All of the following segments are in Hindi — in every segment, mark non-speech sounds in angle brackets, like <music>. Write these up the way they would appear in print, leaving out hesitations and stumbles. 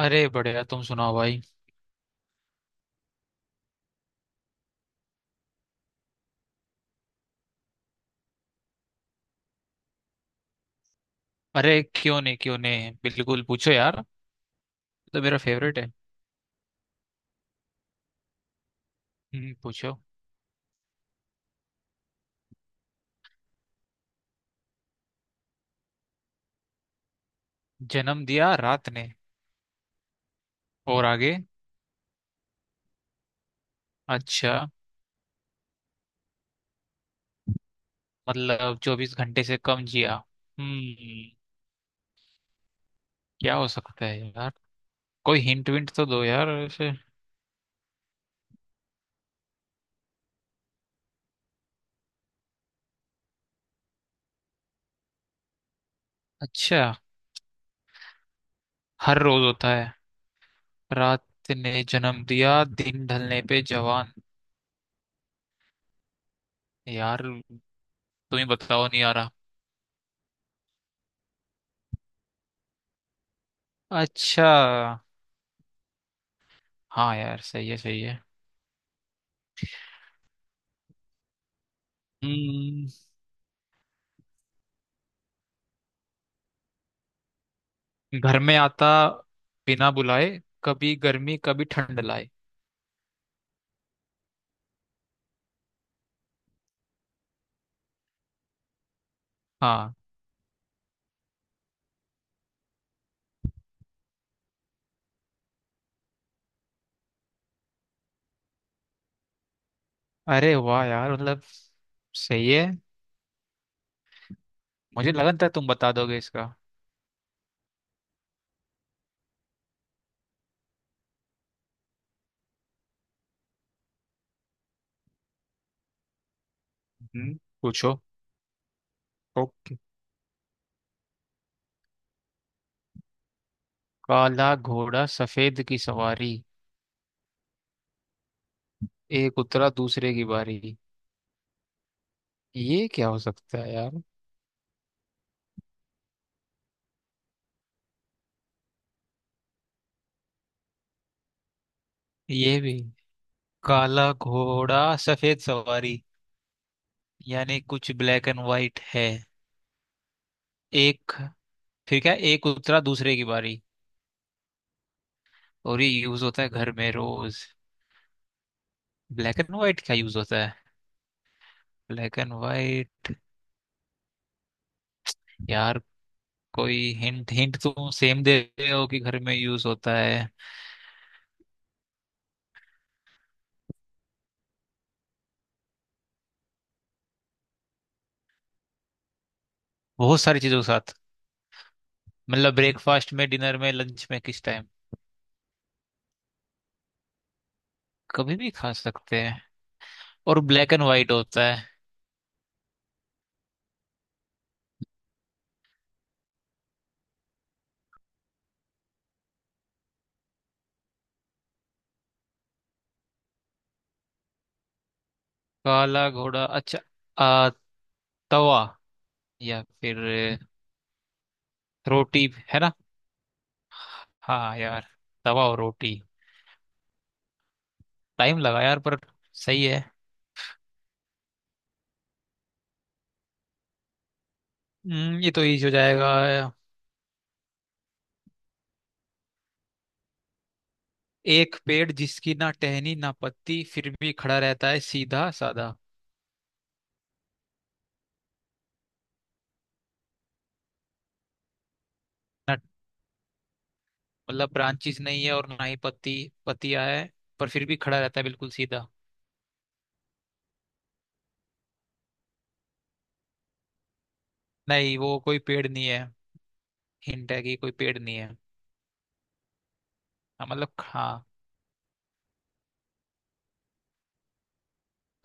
अरे बढ़िया तुम सुनाओ भाई। अरे क्यों नहीं बिल्कुल पूछो यार। तो मेरा फेवरेट है। पूछो। जन्म दिया रात ने। और आगे। अच्छा। मतलब 24 घंटे से कम जिया। हम्म क्या हो सकता है यार। कोई हिंट विंट तो दो यार ऐसे। अच्छा। हर रोज होता है। रात ने जन्म दिया दिन ढलने पे जवान। यार तुम ही बताओ नहीं आ रहा। अच्छा। हाँ यार सही है सही है। हम्म। घर में आता बिना बुलाए कभी गर्मी कभी ठंड लाए। हाँ। अरे वाह यार मतलब सही है। मुझे लगा था तुम बता दोगे इसका। हम्म, पूछो। ओके। काला घोड़ा सफेद की सवारी एक उतरा दूसरे की बारी। ये क्या हो सकता है यार। ये भी। काला घोड़ा सफेद सवारी यानी कुछ ब्लैक एंड वाइट है। एक फिर क्या एक उतरा दूसरे की बारी। और ये यूज होता है घर में रोज। ब्लैक एंड वाइट क्या यूज होता है। Black and white. यार कोई हिंट हिंट तुम सेम दे रहे हो कि घर में यूज होता है। बहुत सारी चीजों के साथ। मतलब ब्रेकफास्ट में डिनर में लंच में किस टाइम। कभी भी खा सकते हैं। और ब्लैक एंड व्हाइट होता है। काला घोड़ा अच्छा। आ, तवा या फिर रोटी है ना। हाँ यार तवा और रोटी। टाइम लगा यार पर सही है। ये तो इजी हो जाएगा। एक पेड़ जिसकी ना टहनी ना पत्ती फिर भी खड़ा रहता है सीधा साधा। मतलब ब्रांचेस नहीं है और ना ही पत्ती पत्तियां है पर फिर भी खड़ा रहता है बिल्कुल सीधा। नहीं वो कोई पेड़ नहीं है। हिंट है कि कोई पेड़ नहीं है। हाँ, मतलब हाँ।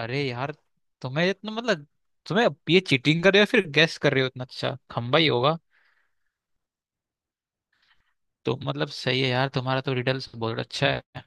अरे यार तुम्हें इतना मतलब तुम्हें अब ये चीटिंग कर रहे हो या फिर गेस कर रहे हो इतना अच्छा खंबा ही होगा। तो मतलब सही है यार तुम्हारा तो रिडल्स बहुत अच्छा है।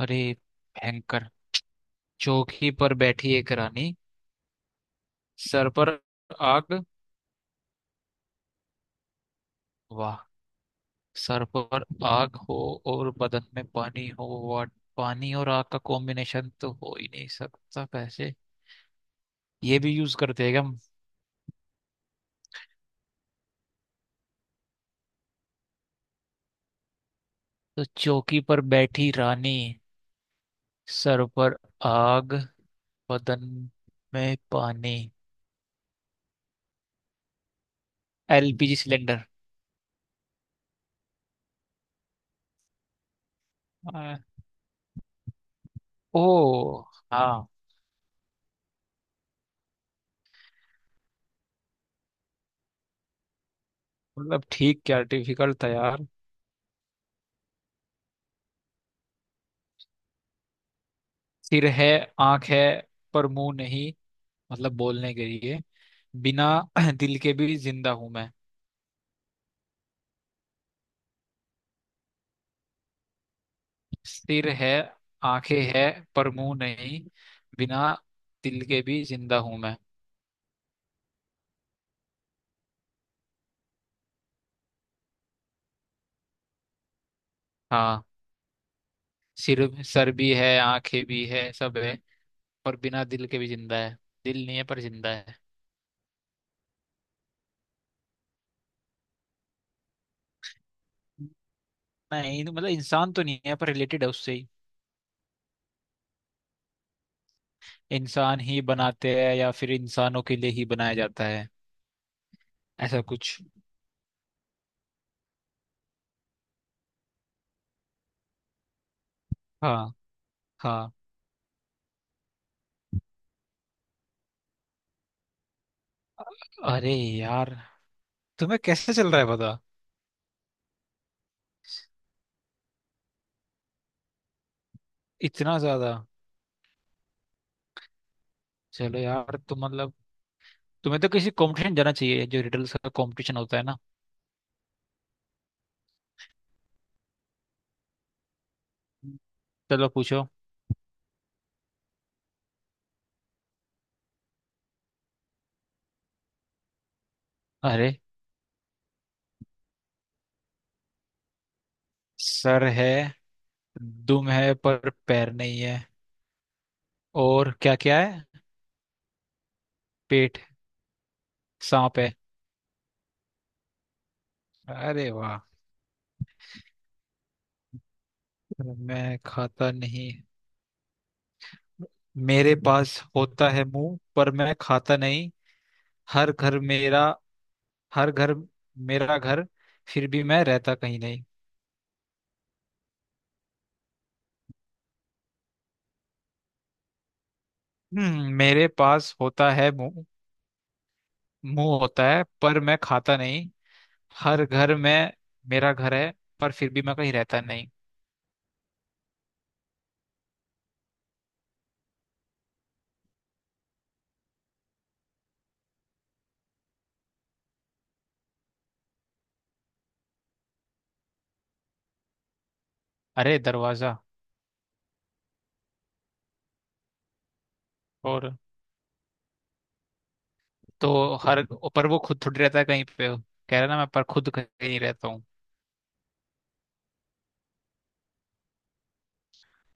अरे भयंकर। चौकी पर बैठी एक रानी सर पर आग। वाह। सर पर आग हो और बदन में पानी हो वाट। पानी और आग का कॉम्बिनेशन तो हो ही नहीं सकता कैसे। ये भी यूज करते हैं क्या हम। तो चौकी पर बैठी रानी सर पर आग बदन में पानी। LPG cylinder. आ, ओ हाँ। मतलब ठीक क्या डिफिकल्ट था यार। सिर है आंख है पर मुंह नहीं मतलब बोलने के लिए। बिना <clears throat> दिल के भी जिंदा हूं मैं। सिर है आंखें है पर मुंह नहीं बिना दिल के भी जिंदा हूं मैं। हाँ। सिर सर भी है आंखें भी है सब है पर बिना दिल के भी जिंदा है। दिल नहीं है पर जिंदा है। नहीं तो मतलब इंसान तो नहीं है पर रिलेटेड है उससे ही। इंसान ही बनाते हैं या फिर इंसानों के लिए ही बनाया जाता है ऐसा कुछ। हाँ हाँ। अरे यार तुम्हें कैसे चल रहा है पता। इतना ज्यादा। चलो यार तुम मतलब तुम्हें तो किसी कंपटीशन जाना चाहिए जो रिडल्स का कंपटीशन होता है ना। चलो पूछो। अरे। सर है दुम है पर पैर नहीं है। और क्या क्या है। पेट। सांप है। अरे वाह। मैं खाता नहीं। मेरे पास होता है मुंह पर मैं खाता नहीं। हर घर मेरा हर घर मेरा घर फिर भी मैं रहता कहीं नहीं। मेरे पास होता है मुंह। मुंह होता है पर मैं खाता नहीं। हर घर में मेरा घर है पर फिर भी मैं कहीं रहता नहीं। अरे दरवाजा। और तो हर पर वो खुद थोड़ी रहता है कहीं पे। कह रहा ना मैं पर खुद कहीं नहीं रहता हूँ।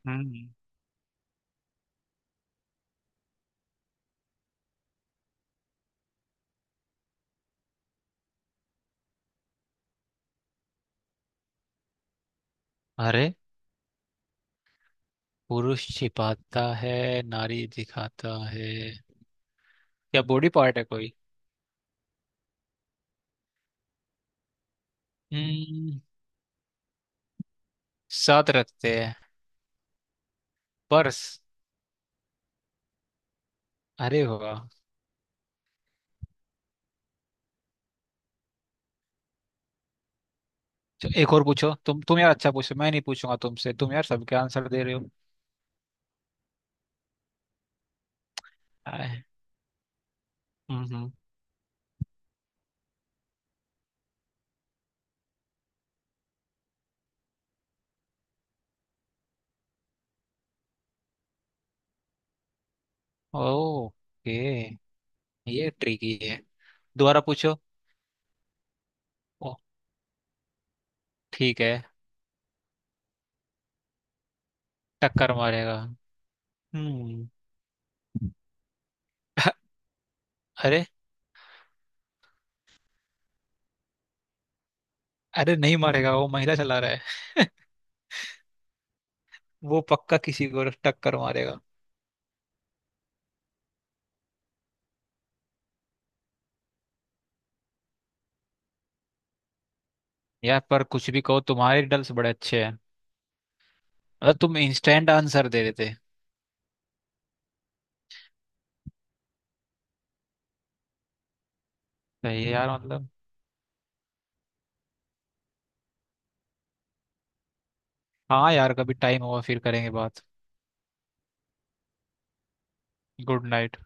हम्म। अरे पुरुष छिपाता है नारी दिखाता है क्या बॉडी पार्ट है कोई। हम्म साथ रखते हैं। पर्स। अरे वाह। चलो, एक और पूछो तुम यार अच्छा पूछो मैं नहीं पूछूंगा तुमसे तुम यार सबके आंसर दे रहे हो। आए, हम्म हम्म ओके। ये ट्रिकी है दोबारा पूछो। ओ ठीक है। टक्कर मारेगा। हम्म। <laughs> अरे। अरे नहीं मारेगा वो महिला चला रहा है। <laughs> वो पक्का किसी को टक्कर मारेगा। यार पर कुछ भी कहो तुम्हारे रिडल्स बड़े अच्छे हैं। मतलब तुम इंस्टेंट आंसर दे देते। सही है यार मतलब। हाँ यार कभी टाइम होगा फिर करेंगे बात। Good night.